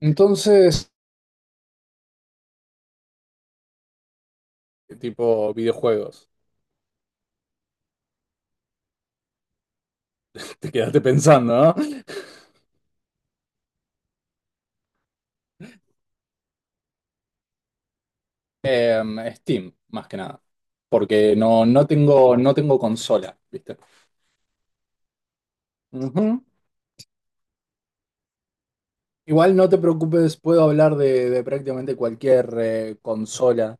Entonces, tipo videojuegos, te quedaste pensando, ¿no? Steam, más que nada. Porque no tengo, no tengo consola, ¿viste? Ujú. Igual no te preocupes, puedo hablar de prácticamente cualquier consola.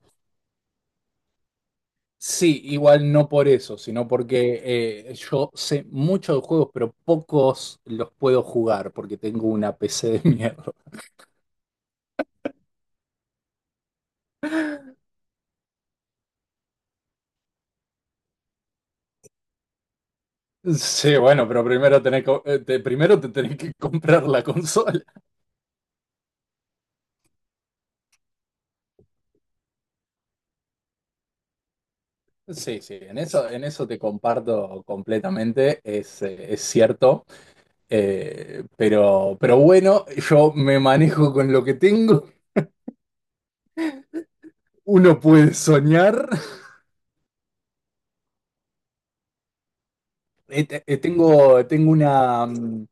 Sí, igual no por eso, sino porque yo sé mucho de juegos, pero pocos los puedo jugar porque tengo una PC de mierda. Sí, bueno, pero primero, primero te tenés que comprar la consola. Sí, sí, en eso te comparto completamente, es cierto. Pero bueno, yo me manejo con lo que tengo, uno puede soñar. Tengo, tengo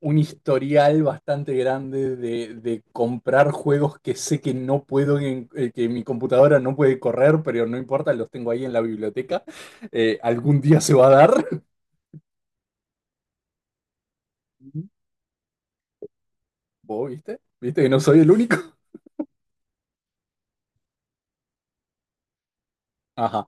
un historial bastante grande de comprar juegos que sé que no puedo, que mi computadora no puede correr, pero no importa, los tengo ahí en la biblioteca. Algún día se va a dar, vos viste que no soy el único. Ajá.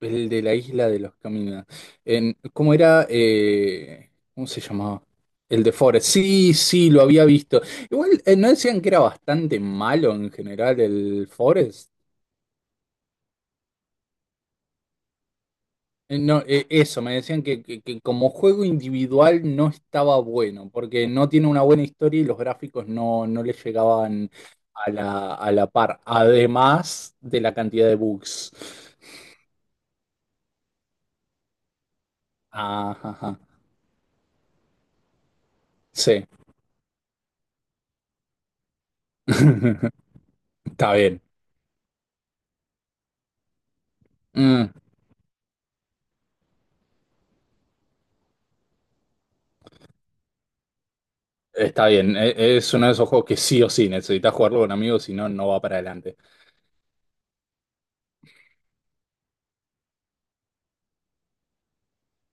El de la isla de los caminos. En, ¿cómo era? ¿Cómo se llamaba? El de Forest. Sí, sí, lo había visto. Igual, ¿no decían que era bastante malo en general el Forest? No, eso, me decían que como juego individual no estaba bueno, porque no tiene una buena historia y los gráficos no le llegaban a la par, además de la cantidad de bugs. Ajá, ajá. Sí, está bien. Mm. Está bien, es uno de esos juegos que sí o sí necesitas jugarlo con amigos, si no, no va para adelante.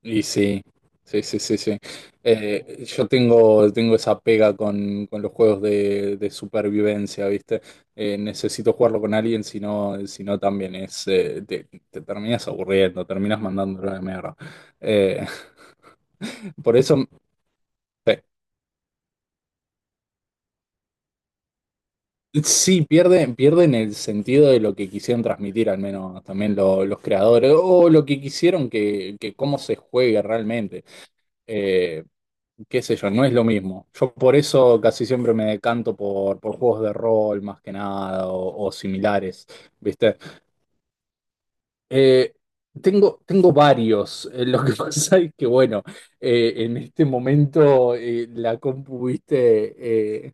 Y sí, sí, sí, sí, sí. Yo tengo, tengo esa pega con los juegos de supervivencia, ¿viste? Necesito jugarlo con alguien, si no, si no también es, te, te terminas aburriendo, terminas mandándolo a la mierda. Eh, por eso, sí. Sí, pierden, pierden el sentido de lo que quisieron transmitir, al menos también los creadores, o lo que quisieron que cómo se juegue realmente. Eh, Qué sé yo, no es lo mismo. Yo por eso casi siempre me decanto por juegos de rol más que nada o, o similares, ¿viste? Eh, Tengo, tengo varios. Lo que pasa es que, bueno, en este momento la compu, ¿viste?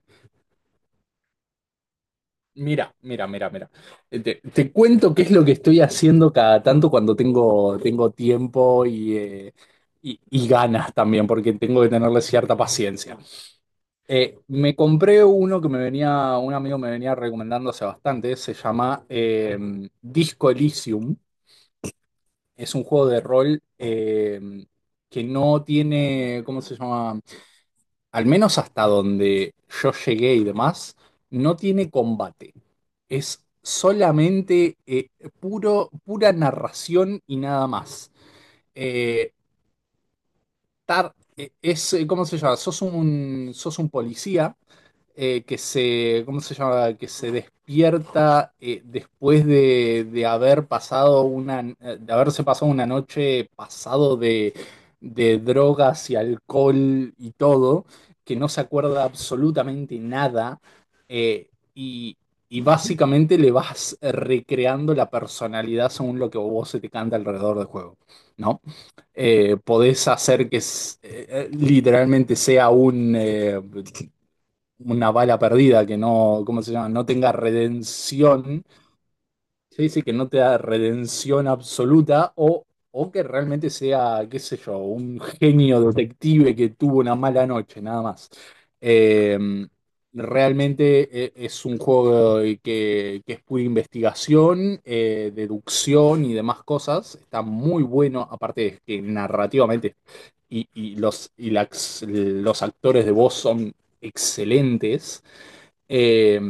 Mira, mira, mira, mira. Te te cuento qué es lo que estoy haciendo cada tanto cuando tengo, tengo tiempo y y ganas también, porque tengo que tenerle cierta paciencia. Me compré uno que me venía, un amigo me venía recomendando hace bastante, se llama Disco Elysium. Es un juego de rol que no tiene, ¿cómo se llama? Al menos hasta donde yo llegué y demás, no tiene combate. Es solamente puro, pura narración y nada más. Eh, ¿Cómo se llama? Sos un policía que se, ¿cómo se llama? Que se despierta después de haber pasado una, de haberse pasado una noche pasado de drogas y alcohol y todo, que no se acuerda absolutamente nada, eh, y, y básicamente le vas recreando la personalidad según lo que vos se te canta alrededor del juego, ¿no? Podés hacer que literalmente sea una bala perdida que no, ¿cómo se llama? No tenga redención, se dice que no te da redención absoluta o que realmente sea, qué sé yo, un genio detective que tuvo una mala noche, nada más. Eh, Realmente es un juego que es pura investigación, deducción y demás cosas. Está muy bueno, aparte de que narrativamente y los actores de voz son excelentes eh,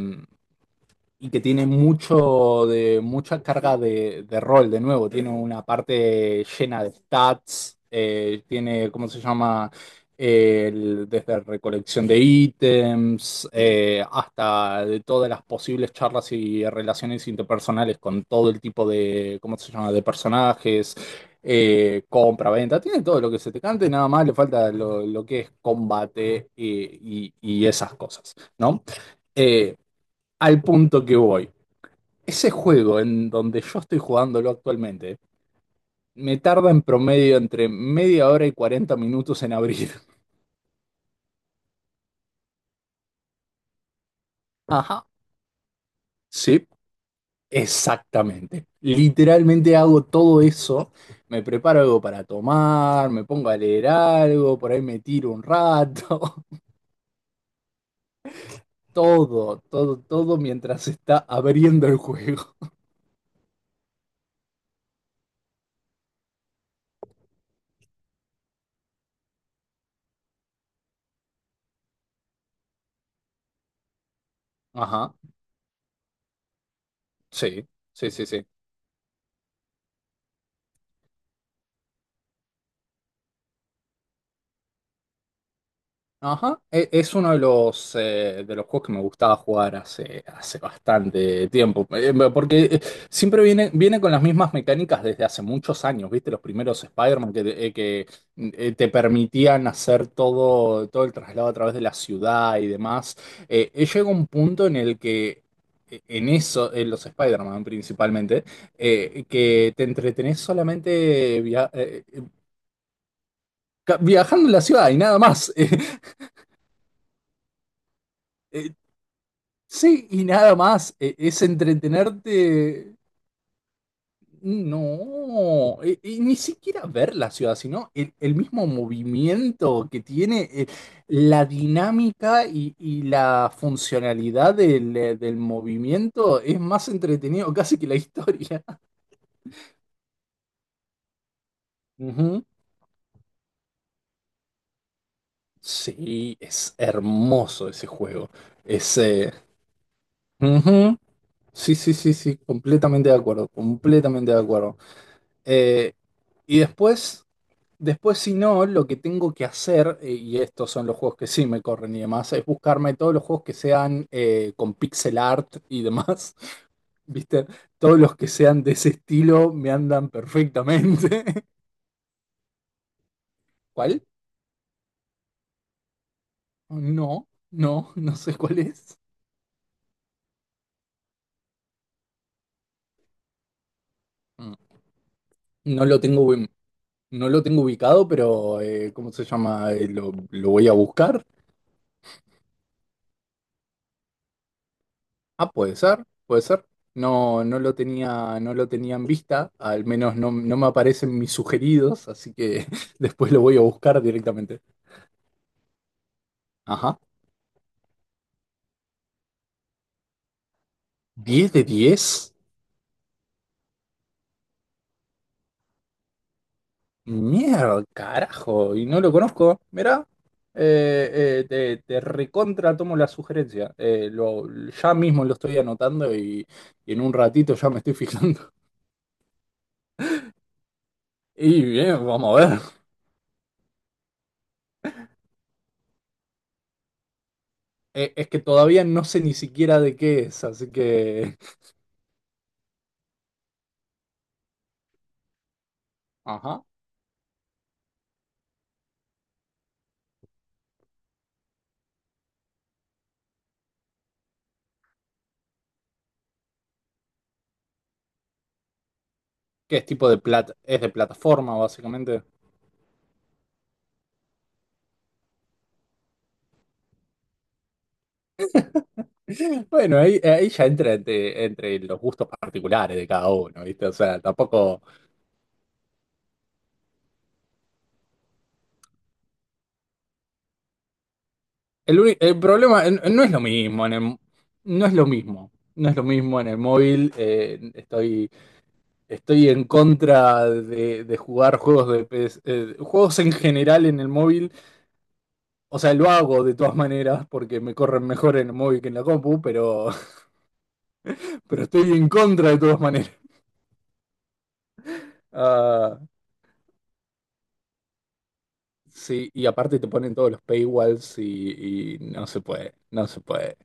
y que tiene mucho mucha carga de rol, de nuevo. Tiene una parte llena de stats, tiene, ¿cómo se llama? Desde recolección de ítems hasta de todas las posibles charlas y relaciones interpersonales con todo el tipo de, ¿cómo se llama?, de personajes, compra, venta, tiene todo lo que se te cante, nada más le falta lo que es combate y y esas cosas, ¿no? Eh, Al punto que voy. Ese juego en donde yo estoy jugándolo actualmente, me tarda en promedio entre media hora y 40 minutos en abrir. Ajá. Sí, exactamente. Literalmente hago todo eso. Me preparo algo para tomar, me pongo a leer algo, por ahí me tiro un rato. Todo, todo, todo mientras está abriendo el juego. Ajá, sí, sí, sí, sí. Ajá, es uno de los juegos que me gustaba jugar hace, hace bastante tiempo. Porque siempre viene, viene con las mismas mecánicas desde hace muchos años, ¿viste? Los primeros Spider-Man que te permitían hacer todo, todo el traslado a través de la ciudad y demás. Llega un punto en el que, en eso, en los Spider-Man principalmente, que te entretenés solamente viajando en la ciudad y nada más. Sí, y nada más, es entretenerte. No, y ni siquiera ver la ciudad, sino el mismo movimiento que tiene, la dinámica y la funcionalidad del movimiento es más entretenido casi que la historia. Ujú. Sí, es hermoso ese juego. Es, eh, ujú. Sí, sí, sí, sí, completamente de acuerdo, completamente de acuerdo. Eh, y después. Después, si no, lo que tengo que hacer, y estos son los juegos que sí me corren y demás, es buscarme todos los juegos que sean con pixel art y demás. ¿Viste? Todos los que sean de ese estilo me andan perfectamente. ¿Cuál? No, no, no sé cuál es. Mm. No lo tengo, ubi- no lo tengo ubicado, pero ¿cómo se llama? Lo voy a buscar. Ah, puede ser, puede ser. No, no lo tenía, no lo tenía en vista, al menos no me aparecen mis sugeridos, así que después lo voy a buscar directamente. Ajá. 10 de 10. Mierda, carajo, y no lo conozco. Mirá, te recontra tomo la sugerencia. Ya mismo lo estoy anotando y en un ratito ya me estoy fijando. Y bien, vamos a ver. Es que todavía no sé ni siquiera de qué es, así que... Ajá. ¿Qué es tipo de plata? ¿Es de plataforma, básicamente? Bueno, ahí, ahí ya entra entre los gustos particulares de cada uno, ¿viste? O sea, tampoco. El problema no es lo mismo en el... No es lo mismo. No es lo mismo en el móvil. Estoy en contra de jugar juegos de PS juegos en general en el móvil. O sea, lo hago de todas maneras porque me corren mejor en el móvil que en la compu, pero pero estoy en contra de todas maneras. Ah, sí, y aparte te ponen todos los paywalls y no se puede, no se puede.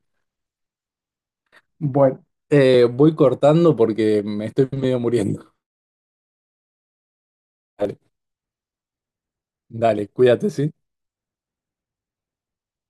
Bueno. Voy cortando porque me estoy medio muriendo. Dale, dale, cuídate, ¿sí?